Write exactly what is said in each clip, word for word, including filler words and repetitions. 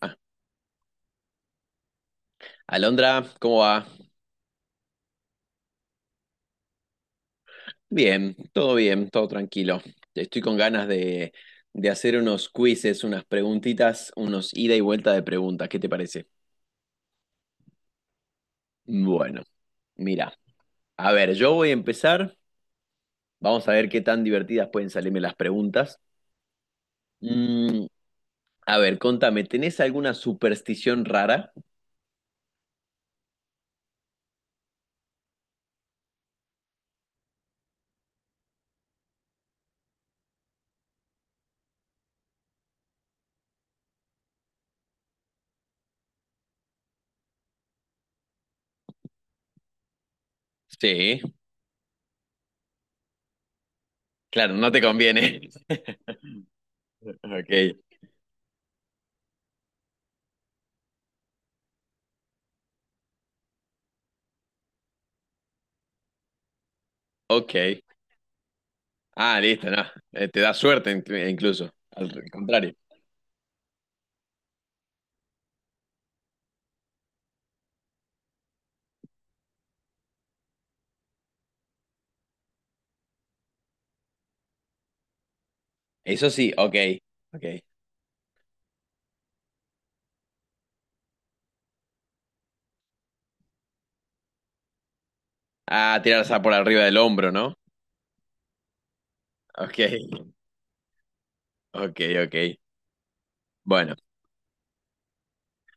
Ah, Alondra, ¿cómo va? Bien, todo bien, todo tranquilo. Estoy con ganas de, de hacer unos quizzes, unas preguntitas, unos ida y vuelta de preguntas. ¿Qué te parece? Bueno, mira, a ver, yo voy a empezar. Vamos a ver qué tan divertidas pueden salirme las preguntas. Mm, a ver, contame, ¿tenés alguna superstición rara? Sí, claro, no te conviene. Ok, ok. Ah, listo, no. Eh, te da suerte inclu- incluso. Al contrario. Eso sí, ok, ok. Ah, tirarse por arriba del hombro, ¿no? Ok, ok, ok. Bueno,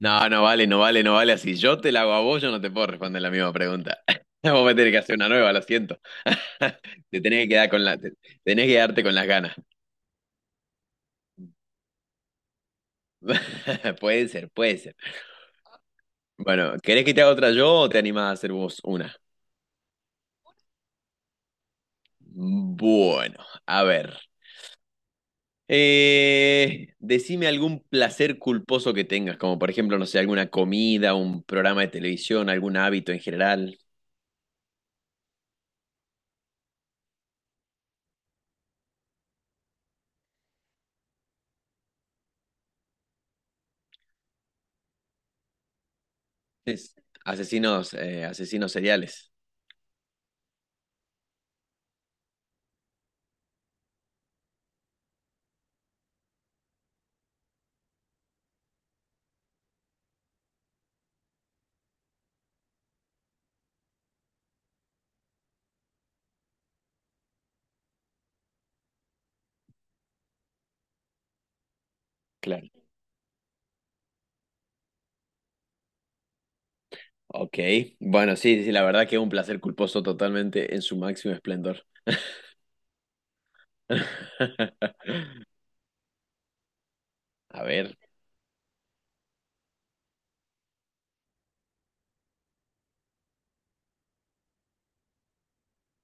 no, no vale, no vale, no vale. Si yo te la hago a vos, yo no te puedo responder la misma pregunta. Vos me tenés que hacer una nueva, lo siento. Te tenés que quedar con la, te- tenés que quedarte con las ganas. Puede ser, puede ser. Bueno, ¿querés que te haga otra yo o te animás a hacer vos una? Bueno, a ver. Eh, decime algún placer culposo que tengas, como por ejemplo, no sé, alguna comida, un programa de televisión, algún hábito en general. Es- Asesinos, eh, asesinos seriales. Claro. Ok. Bueno, sí, sí, la verdad que es un placer culposo totalmente en su máximo esplendor. A ver.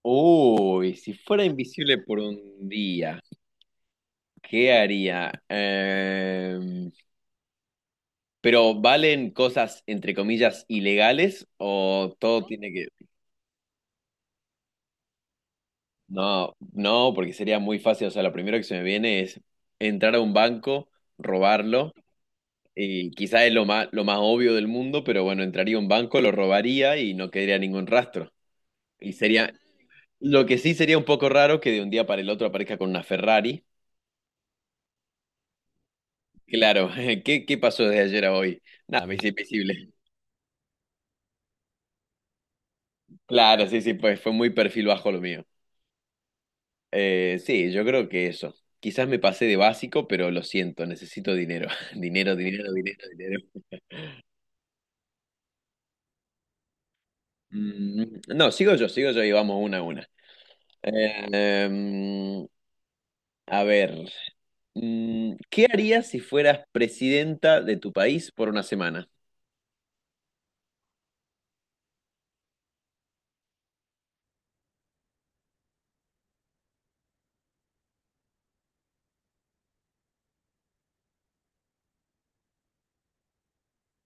Uy, si fuera invisible por un día, ¿qué haría? Em, pero ¿valen cosas entre comillas ilegales o todo tiene que... No, no, porque sería muy fácil. O sea, lo primero que se me viene es entrar a un banco, robarlo, y quizás es lo más, lo más obvio del mundo, pero bueno, entraría a un banco, lo robaría y no quedaría ningún rastro. Y sería, lo que sí sería un poco raro que de un día para el otro aparezca con una Ferrari. Claro, ¿qué, qué pasó desde ayer a hoy? Nada, me hice invisible. Claro, sí, sí, pues fue muy perfil bajo lo mío. Eh, sí, yo creo que eso. Quizás me pasé de básico, pero lo siento, necesito dinero. Dinero, dinero, dinero, dinero. Mm, No, sigo yo, sigo yo y vamos una a una. Eh, mm, a ver, mm, ¿qué harías si fueras presidenta de tu país por una semana?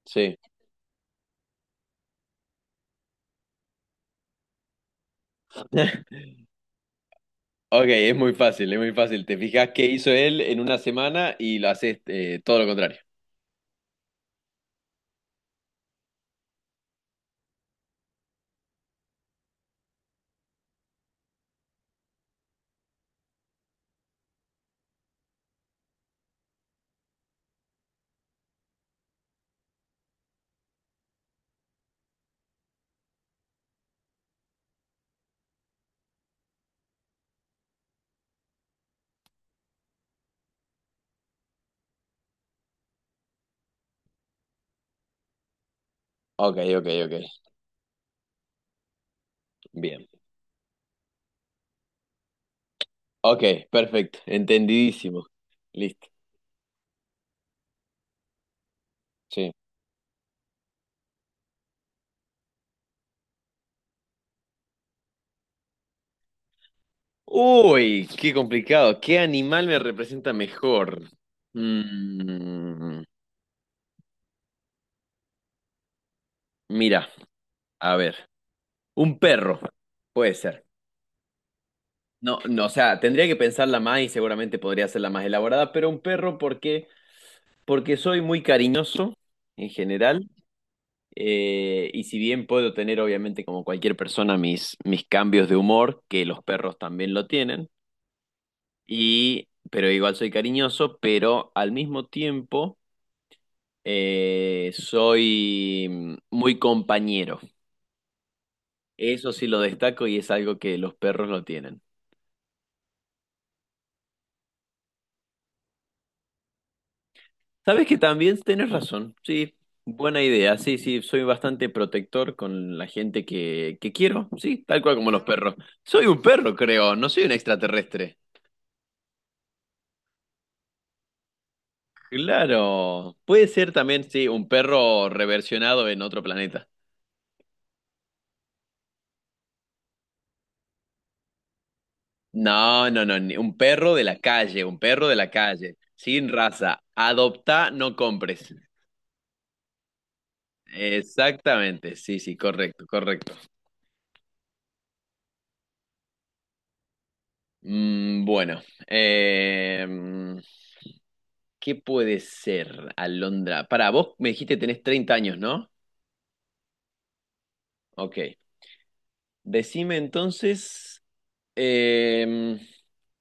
Sí. Ok, es muy fácil, es muy fácil. Te fijas qué hizo él en una semana y lo haces eh, todo lo contrario. Ok, ok, ok. Bien. Ok, perfecto. Entendidísimo. Listo. Sí. Uy, qué complicado. ¿Qué animal me representa mejor? Mm. Mira, a ver, un perro, puede ser. No, no, o sea, tendría que pensarla más y seguramente podría ser la más elaborada, pero un perro, porque, porque soy muy cariñoso en general, eh, y si bien puedo tener, obviamente, como cualquier persona, mis, mis cambios de humor, que los perros también lo tienen, y, pero igual soy cariñoso, pero al mismo tiempo eh, soy muy compañero. Eso sí lo destaco y es algo que los perros no tienen. Sabes que también tienes razón, sí, buena idea, sí, sí, soy bastante protector con la gente que, que quiero, sí, tal cual como los perros. Soy un perro, creo, no soy un extraterrestre. Claro, puede ser también, sí, un perro reversionado en otro planeta. No, no, no, ni- un perro de la calle, un perro de la calle, sin raza. Adopta, no compres. Exactamente, sí, sí, correcto, correcto. Mm, bueno, em, ¿qué puede ser Alondra? Para vos me dijiste tenés treinta años, ¿no? Ok. Decime entonces, em,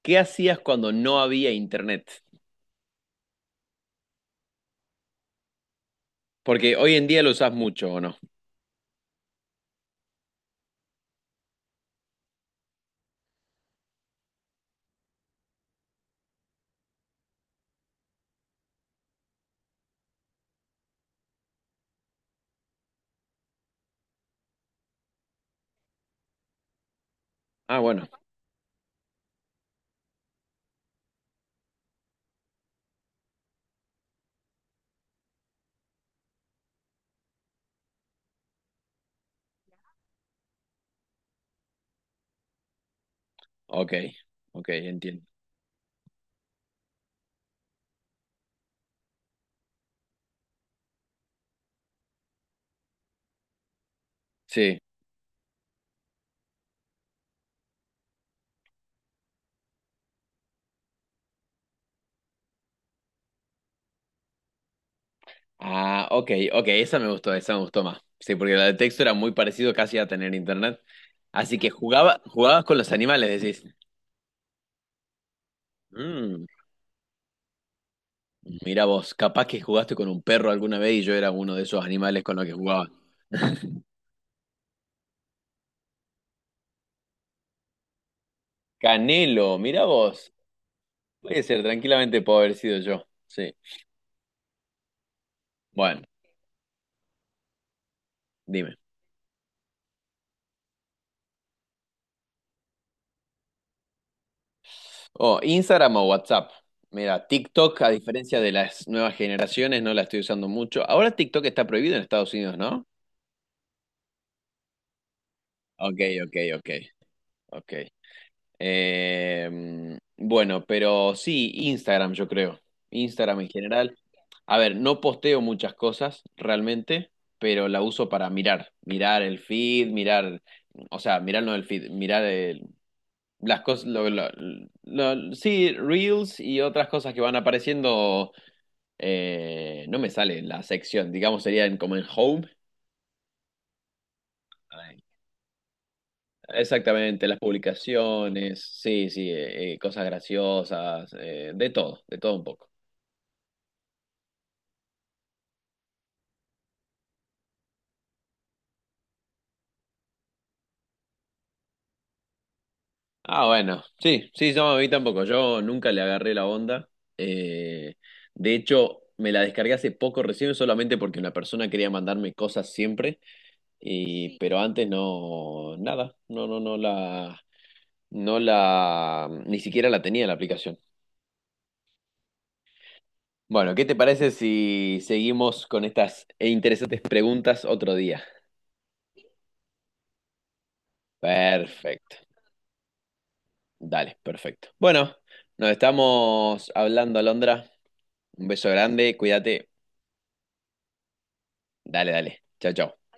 ¿qué hacías cuando no había internet? Porque hoy en día lo usás mucho, ¿o no? Ah, bueno, ok, ok, entiendo. Sí. Ah, ok, ok, esa me gustó, esa me gustó más. Sí, porque la de texto era muy parecido casi a tener internet. Así que jugaba, jugabas con los animales, decís. Mm, Mira vos, capaz que jugaste con un perro alguna vez y yo era uno de esos animales con los que jugaba. Canelo, mira vos. Puede ser, tranquilamente puedo haber sido yo. Sí. Bueno, dime. Oh, Instagram o WhatsApp. Mira, TikTok, a diferencia de las nuevas generaciones, no la estoy usando mucho. Ahora TikTok está prohibido en Estados Unidos, ¿no? Ok, ok, ok, ok. Eh, bueno, pero sí, Instagram, yo creo. Instagram en general. A ver, no posteo muchas cosas realmente, pero la uso para mirar. Mirar el feed, mirar. O sea, mirar no el feed, mirar el- las cosas. Lo- lo- lo- sí, Reels y otras cosas que van apareciendo. Eh, no me sale la sección, digamos, sería en- como en Home. Exactamente, las publicaciones, sí, sí, eh, eh, cosas graciosas, eh, de todo, de todo un poco. Ah, bueno, sí, sí, no, a mí tampoco, yo nunca le agarré la onda. eh, de hecho, me la descargué hace poco recién solamente porque una persona quería mandarme cosas siempre, y, sí, pero antes no, nada, no, no, no la, no la, ni siquiera la tenía la aplicación. Bueno, ¿qué te parece si seguimos con estas interesantes preguntas otro día? Perfecto. Dale, perfecto. Bueno, nos estamos hablando, Alondra. Un beso grande, cuídate. Dale, dale. Chao, chao.